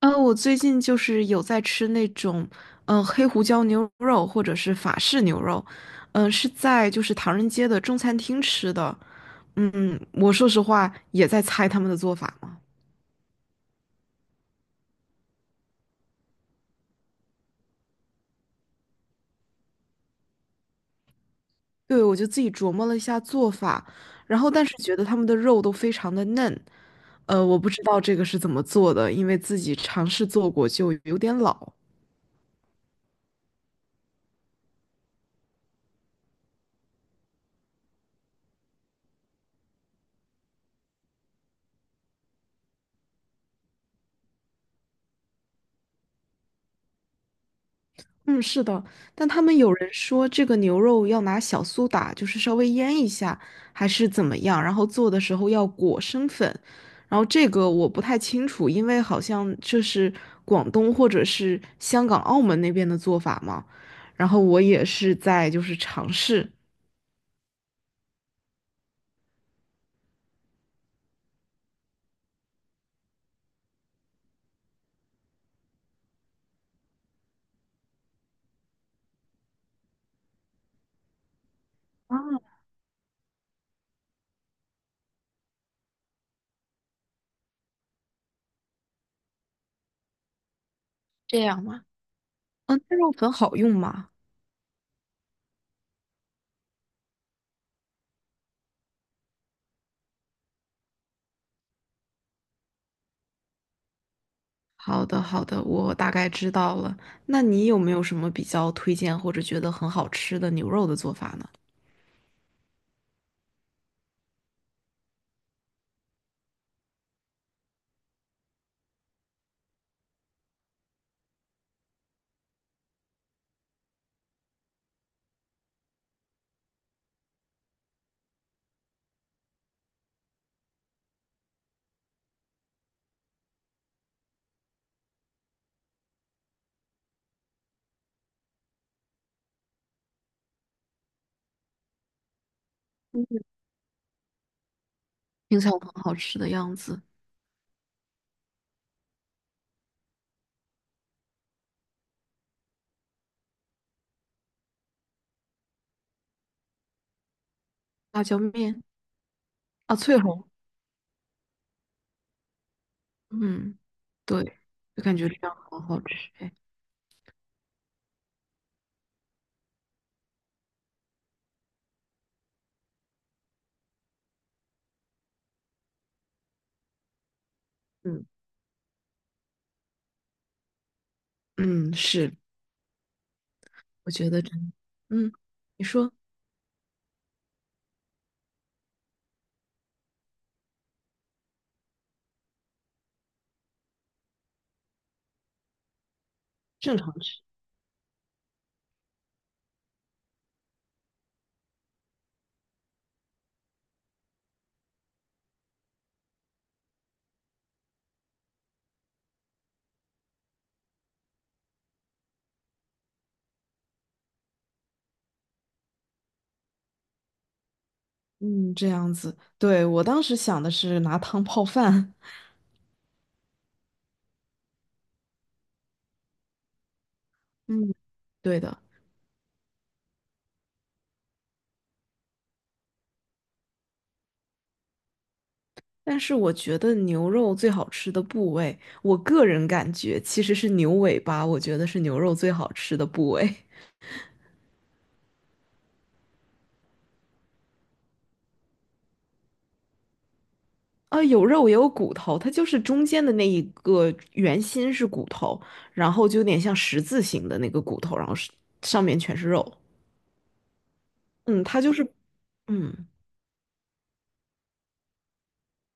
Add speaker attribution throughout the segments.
Speaker 1: 我最近就是有在吃那种，黑胡椒牛肉或者是法式牛肉，是在就是唐人街的中餐厅吃的。我说实话也在猜他们的做法嘛。对，我就自己琢磨了一下做法，然后但是觉得他们的肉都非常的嫩，我不知道这个是怎么做的，因为自己尝试做过就有点老。嗯，是的，但他们有人说这个牛肉要拿小苏打，就是稍微腌一下，还是怎么样，然后做的时候要裹生粉，然后这个我不太清楚，因为好像这是广东或者是香港、澳门那边的做法嘛，然后我也是在就是尝试，啊，这样吗？嗯，那肉粉好用吗？好的，好的，我大概知道了。那你有没有什么比较推荐或者觉得很好吃的牛肉的做法呢？听起来很好吃的样子。辣椒面啊，翠红，嗯，对，就感觉这样好好吃哎。嗯嗯，是，我觉得真，嗯，你说正常吃，嗯，这样子。对，我当时想的是拿汤泡饭。嗯，对的，但是我觉得牛肉最好吃的部位，我个人感觉其实是牛尾巴，我觉得是牛肉最好吃的部位。啊，有肉也有骨头，它就是中间的那一个圆心是骨头，然后就有点像十字形的那个骨头，然后是上面全是肉。嗯，它就是，嗯，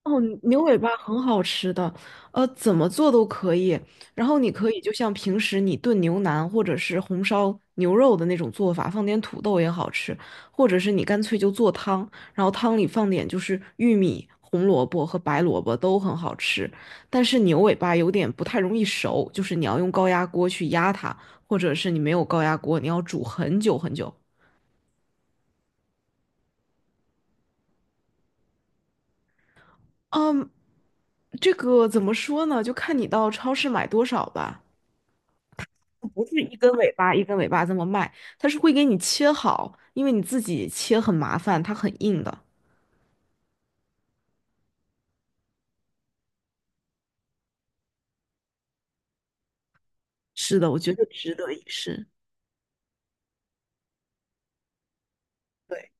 Speaker 1: 哦，牛尾巴很好吃的，怎么做都可以。然后你可以就像平时你炖牛腩或者是红烧牛肉的那种做法，放点土豆也好吃，或者是你干脆就做汤，然后汤里放点就是玉米、红萝卜和白萝卜都很好吃。但是牛尾巴有点不太容易熟，就是你要用高压锅去压它，或者是你没有高压锅，你要煮很久很久。嗯，这个怎么说呢？就看你到超市买多少吧。不是一根尾巴一根尾巴这么卖，它是会给你切好，因为你自己切很麻烦，它很硬的。是的，我觉得值得一试。对。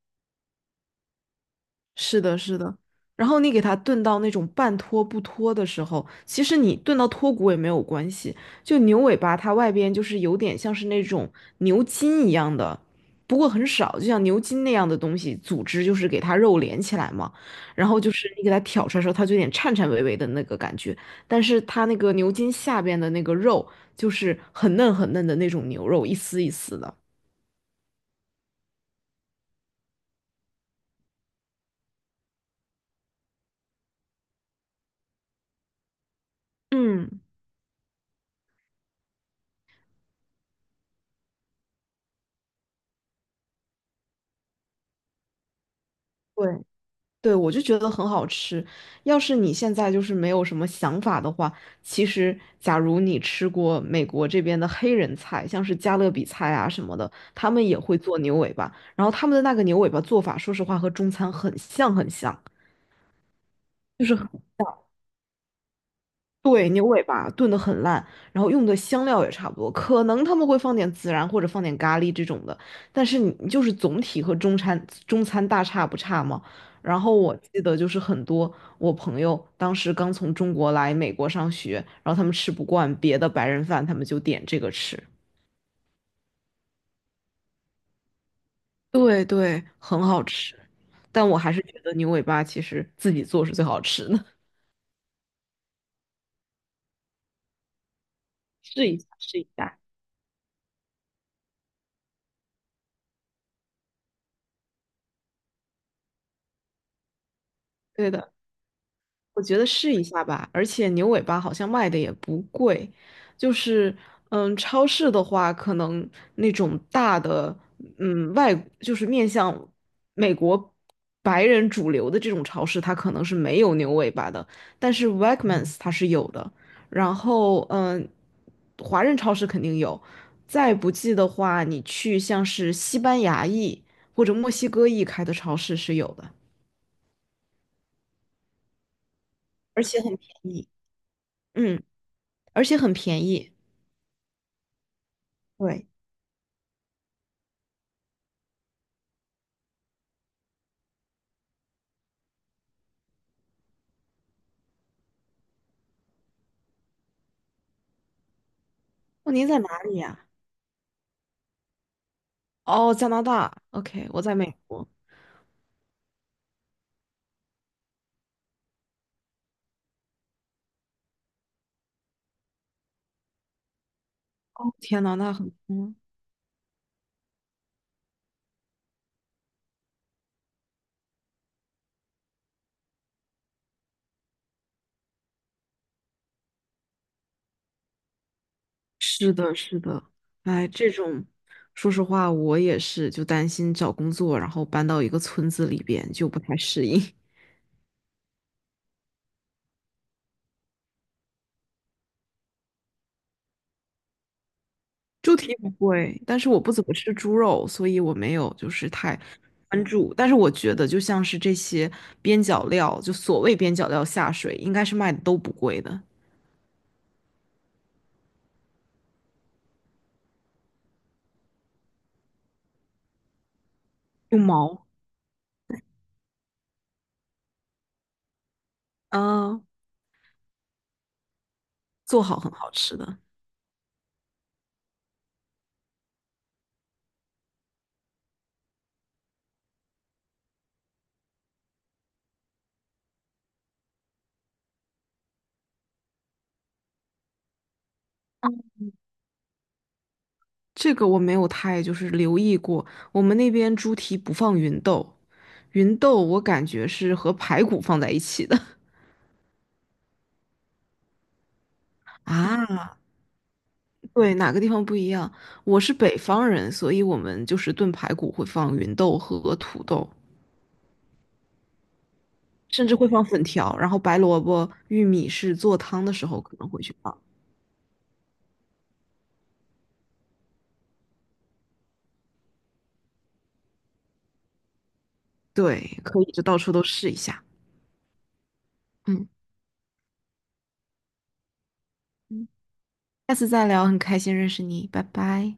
Speaker 1: 是的，是的。然后你给它炖到那种半脱不脱的时候，其实你炖到脱骨也没有关系。就牛尾巴，它外边就是有点像是那种牛筋一样的，不过很少，就像牛筋那样的东西组织，就是给它肉连起来嘛。然后就是你给它挑出来的时候，它就有点颤颤巍巍的那个感觉，但是它那个牛筋下边的那个肉就是很嫩很嫩的那种牛肉，一丝一丝的。嗯，对。对，我就觉得很好吃。要是你现在就是没有什么想法的话，其实假如你吃过美国这边的黑人菜，像是加勒比菜啊什么的，他们也会做牛尾巴，然后他们的那个牛尾巴做法，说实话和中餐很像很像。就是。对，牛尾巴炖得很烂，然后用的香料也差不多，可能他们会放点孜然或者放点咖喱这种的，但是你就是总体和中餐大差不差嘛。然后我记得就是很多我朋友当时刚从中国来美国上学，然后他们吃不惯别的白人饭，他们就点这个吃。对对，很好吃，但我还是觉得牛尾巴其实自己做是最好吃的，试一下试一下。对的。我觉得试一下吧，而且牛尾巴好像卖的也不贵，就是超市的话，可能那种大的，外就是面向美国白人主流的这种超市，它可能是没有牛尾巴的，但是 Wegmans 它是有的，然后华人超市肯定有，再不济的话，你去像是西班牙裔或者墨西哥裔开的超市是有的，而且很便宜，嗯，而且很便宜。对，哦，您在哪里呀？哦，加拿大。OK，我在美国。哦，天呐，那很，嗯，是的，是的。哎，这种，说实话，我也是，就担心找工作，然后搬到一个村子里边就不太适应。猪蹄不贵，但是我不怎么吃猪肉，所以我没有就是太关注。但是我觉得，就像是这些边角料，就所谓边角料下水，应该是卖的都不贵的，用毛，嗯，做好很好吃的。这个我没有太就是留意过，我们那边猪蹄不放芸豆，芸豆我感觉是和排骨放在一起的 啊，对，哪个地方不一样？我是北方人，所以我们就是炖排骨会放芸豆和土豆，甚至会放粉条，然后白萝卜、玉米是做汤的时候可能会去放。对，可以就到处都试一下。嗯，嗯，下次再聊，很开心认识你，拜拜。